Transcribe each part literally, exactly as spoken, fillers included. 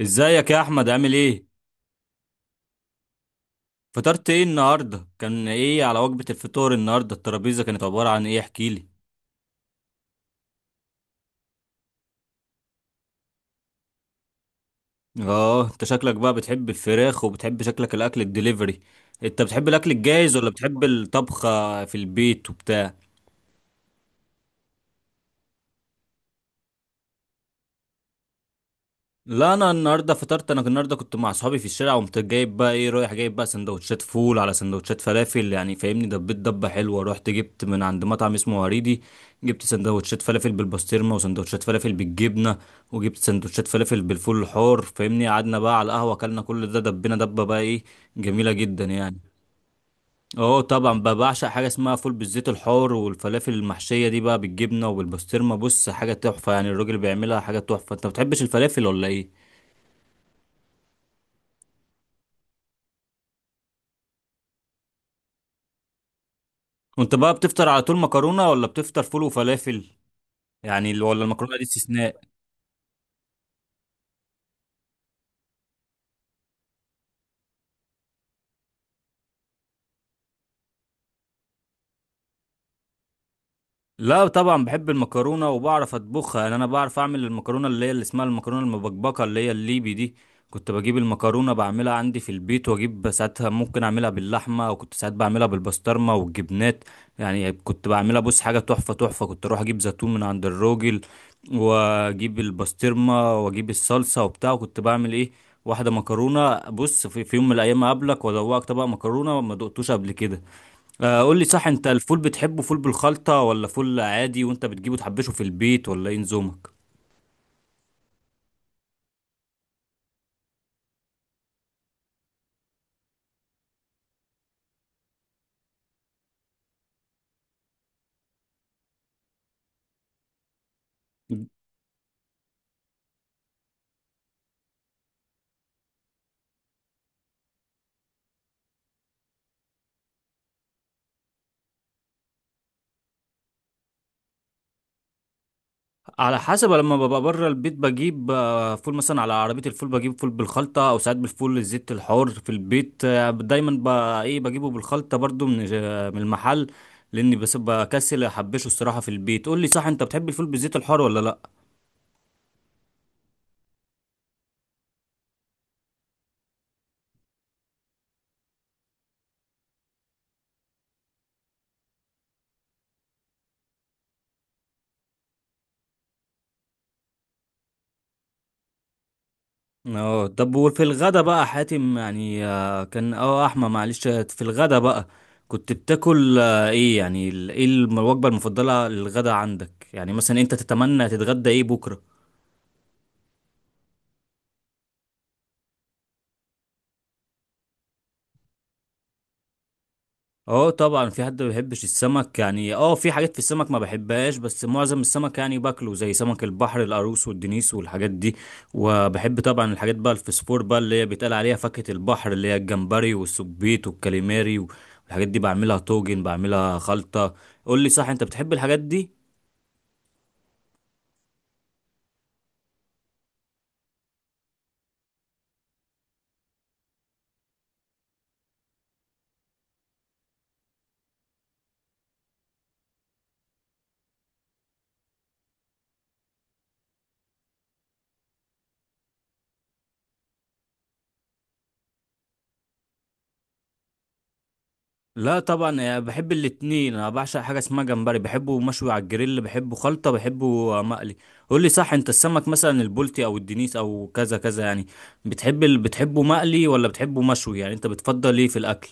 ازيك يا احمد، عامل ايه؟ فطرت ايه النهارده؟ كان ايه على وجبة الفطور النهارده؟ الترابيزة كانت عبارة عن ايه؟ احكي لي. اه انت شكلك بقى بتحب الفراخ وبتحب شكلك الاكل الدليفري. انت بتحب الاكل الجاهز ولا بتحب الطبخة في البيت وبتاع؟ لا انا النهارده فطرت انا النهارده كنت مع اصحابي في الشارع، وقمت جايب بقى ايه، رايح جايب بقى سندوتشات فول على سندوتشات فلافل، يعني فاهمني، دبيت دبه حلوه. رحت جبت من عند مطعم اسمه هريدي، جبت سندوتشات فلافل بالبسطرمه وسندوتشات فلافل بالجبنه، وجبت سندوتشات فلافل بالفول الحار. فاهمني، قعدنا بقى على القهوه، اكلنا كل ده، دبينا دبه بقى، ايه، جميله جدا يعني. اه طبعا بقى بعشق حاجه اسمها فول بالزيت الحار، والفلافل المحشيه دي بقى بالجبنه وبالبسطرمه، بص حاجه تحفه يعني، الراجل بيعملها حاجه تحفه. انت ما بتحبش الفلافل ولا ايه؟ كنت بقى بتفطر على طول مكرونة ولا بتفطر فول وفلافل؟ يعني ولا المكرونة دي استثناء؟ لا طبعا بحب المكرونه وبعرف اطبخها، يعني انا بعرف اعمل المكرونه اللي هي اللي اسمها المكرونه المبكبكه اللي هي الليبي دي. كنت بجيب المكرونه بعملها عندي في البيت، واجيب ساعتها ممكن اعملها باللحمه، وكنت ساعات بعملها بالبسطرمه والجبنات. يعني كنت بعملها، بص حاجه تحفه تحفه، كنت اروح اجيب زيتون من عند الراجل، واجيب البسطرمه واجيب الصلصه وبتاع، وكنت بعمل ايه، واحده مكرونه. بص، في, في يوم من الايام اقابلك وادوقك طبق مكرونه ما دقتوش قبل كده. آه، قول لي صح، انت الفول بتحبه فول بالخلطة ولا فول عادي؟ وانت بتجيبه تحبشه في البيت ولا ايه نظامك؟ على حسب، لما ببقى بره البيت بجيب آه، فول، مثلا على عربية الفول بجيب فول بالخلطة، او ساعات بالفول الزيت الحار. في البيت آه، دايما ب... ايه، بجيبه بالخلطة برضو من آه، من المحل، لاني بس بكسل احبشه الصراحة في البيت. قول لي صح، انت بتحب الفول بالزيت الحار ولا لا؟ اه طب وفي الغدا بقى حاتم، يعني آه، كان اه احمد، معلش، في الغدا بقى كنت بتاكل آه، ايه يعني ال- ايه الوجبة المفضلة للغدا عندك؟ يعني مثلا انت تتمنى تتغدى ايه بكرة؟ اه طبعا، في حد ما بيحبش السمك؟ يعني اه في حاجات في السمك ما بحبهاش، بس معظم السمك يعني باكله، زي سمك البحر القاروص والدنيس والحاجات دي. وبحب طبعا الحاجات بقى، الفسفور بقى اللي هي بيتقال عليها فاكهة البحر، اللي هي الجمبري والسبيط والكاليماري والحاجات دي، بعملها طاجن بعملها خلطة. قول لي صح، انت بتحب الحاجات دي؟ لا طبعا أنا بحب الاتنين، انا بعشق حاجه اسمها جمبري، بحبه مشوي على الجريل، بحبه خلطه، بحبه مقلي. قول لي صح، انت السمك مثلا البلطي او الدنيس او كذا كذا يعني، بتحب ال... بتحبه مقلي ولا بتحبه مشوي؟ يعني انت بتفضل ايه في الاكل؟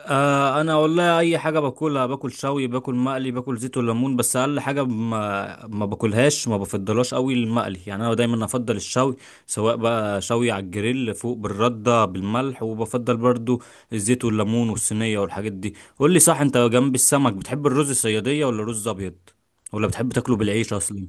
آه انا والله اي حاجه باكلها، باكل شوي، باكل مقلي، باكل زيت وليمون، بس اقل حاجه ما ما باكلهاش، ما بفضلهاش قوي، المقلي يعني، انا دايما افضل الشوي، سواء بقى شوي على الجريل فوق بالرده بالملح، وبفضل برضو الزيت والليمون والصينيه والحاجات دي. قول لي صح، انت جنب السمك بتحب الرز الصياديه ولا رز ابيض؟ ولا بتحب تاكله بالعيش اصلا؟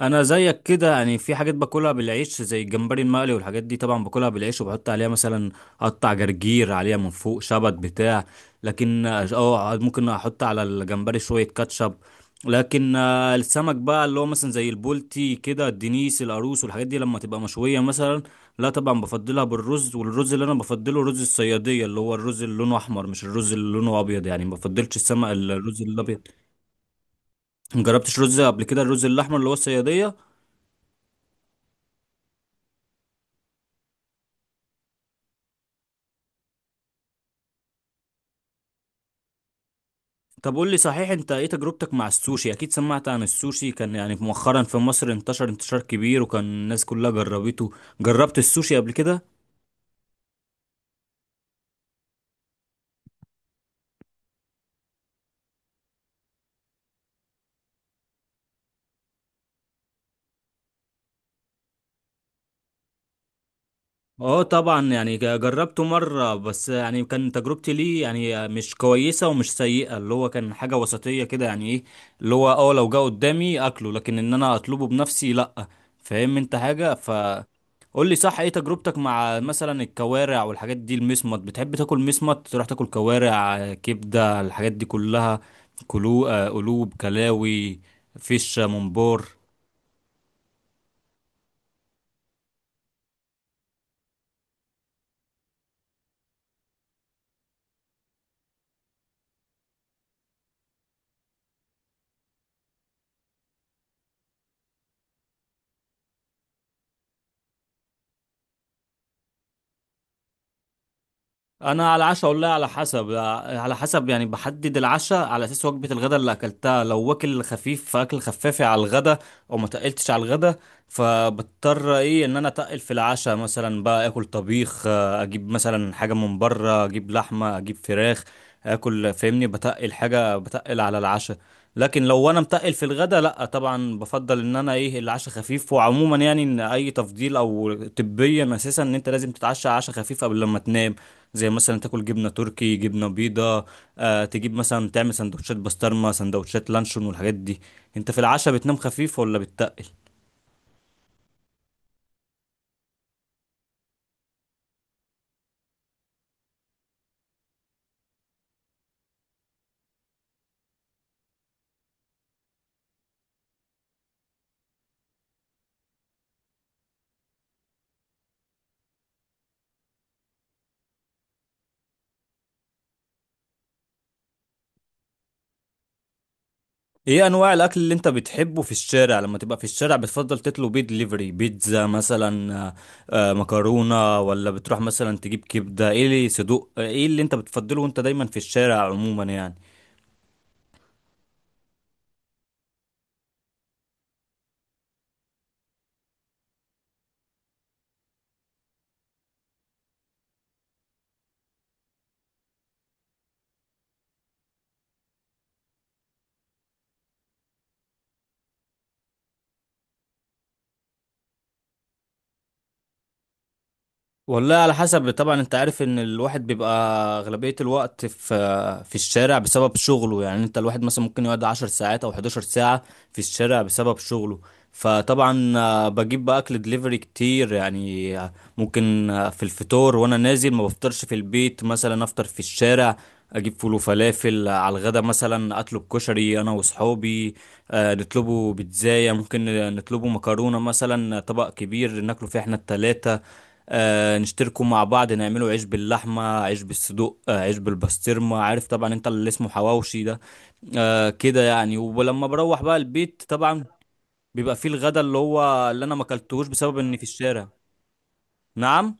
انا زيك كده يعني، في حاجات باكلها بالعيش زي الجمبري المقلي والحاجات دي طبعا باكلها بالعيش، وبحط عليها مثلا قطع جرجير عليها من فوق، شبت، بتاع. لكن اه ممكن احط على الجمبري شوية كاتشب. لكن آه، السمك بقى اللي هو مثلا زي البولتي كده، الدنيس، القاروص، والحاجات دي لما تبقى مشوية مثلا، لا طبعا بفضلها بالرز، والرز اللي انا بفضله رز الصيادية، اللي هو الرز اللي لونه احمر، مش الرز اللي لونه ابيض. يعني ما بفضلش السمك الرز الابيض. مجربتش رز قبل كده الرز الاحمر اللي هو الصيادية؟ طب قول لي صحيح، انت ايه تجربتك مع السوشي؟ اكيد سمعت عن السوشي، كان يعني مؤخرا في مصر انتشر انتشار كبير، وكان الناس كلها جربته. جربت السوشي قبل كده؟ اه طبعا يعني ج- جربته مرة، بس يعني كان تجربتي ليه يعني مش كويسة ومش سيئة، اللي هو كان حاجة وسطية كده. يعني ايه؟ اللي هو اه لو جه قدامي اكله، لكن ان انا اطلبه بنفسي لأ. فاهم انت حاجة ف قول لي صح، ايه تجربتك مع مثلا الكوارع والحاجات دي، المسمط؟ بتحب تاكل مسمط؟ تروح تاكل كوارع، كبدة، الحاجات دي كلها، كلو، آه، قلوب، كلاوي، فيش، منبار؟ انا على العشاء والله على حسب، على حسب يعني، بحدد العشاء على اساس وجبه الغداء اللي اكلتها، لو واكل خفيف فاكل خفافي على الغداء او ما تقلتش على الغداء، فبضطر ايه ان انا اتقل في العشاء، مثلا بقى اكل طبيخ، آه، اجيب مثلا حاجه من بره، اجيب لحمه، اجيب فراخ، اكل فاهمني بتقل، حاجه بتقل على العشاء. لكن لو انا متقل في الغداء، لا طبعا بفضل ان انا ايه العشاء خفيف. وعموما يعني، ان اي تفضيل او طبيا اساسا، ان انت لازم تتعشى عشاء خفيف قبل لما تنام، زي مثلا تاكل جبنه تركي، جبنه بيضه، آه تجيب مثلا تعمل سندوتشات بسطرمه، سندوتشات لانشون، والحاجات دي. انت في العشاء بتنام خفيف ولا بتتقل؟ ايه انواع الاكل اللي انت بتحبه في الشارع؟ لما تبقى في الشارع بتفضل تطلب بيه دليفري بيتزا مثلا، آه آه، مكرونه، ولا بتروح مثلا تجيب كبده، ايه اللي صدوق، آه، ايه اللي انت بتفضله وانت دايما في الشارع عموما يعني؟ والله على حسب. طبعا انت عارف ان الواحد بيبقى اغلبية الوقت في في الشارع بسبب شغله، يعني انت الواحد مثلا ممكن يقعد 10 ساعات او 11 ساعة في الشارع بسبب شغله. فطبعا آه، بجيب بقى اكل دليفري كتير، يعني آه، ممكن آه، في الفطور وانا نازل ما بفطرش في البيت، مثلا افطر في الشارع، اجيب فول وفلافل. آه، على الغدا مثلا اطلب كشري انا وصحابي، آه، نطلبه بيتزاية ممكن، نطلبه مكرونة مثلا، طبق كبير ناكله فيه احنا التلاتة، آه نشتركوا مع بعض، نعملوا عيش باللحمة، عيش بالصدوق، آه عيش بالبسطرمة، عارف طبعا انت اللي اسمه حواوشي ده، آه كده يعني. ولما بروح بقى البيت طبعا بيبقى فيه الغدا اللي هو اللي انا ما اكلتهوش بسبب اني في الشارع. نعم؟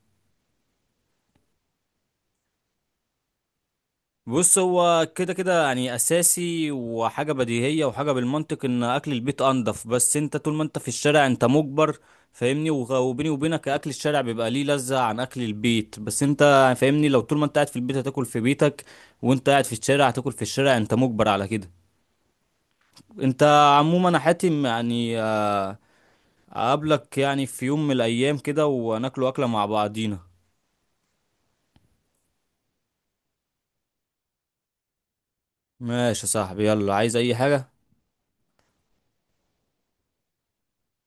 بص هو كده كده يعني اساسي وحاجه بديهيه وحاجه بالمنطق، ان اكل البيت انضف، بس انت طول ما انت في الشارع انت مجبر. فاهمني، وغ- وبيني وبينك اكل الشارع بيبقى ليه لذة عن اكل البيت، بس انت فاهمني، لو طول ما انت قاعد في البيت هتاكل في بيتك، وانت قاعد في الشارع هتاكل في الشارع، انت مجبر على كده. انت عموما انا حاتم يعني، آه، اقابلك يعني في يوم من الايام كده وناكلوا اكله مع بعضينا. ماشي يا صاحبي، يلا، عايز اي حاجه؟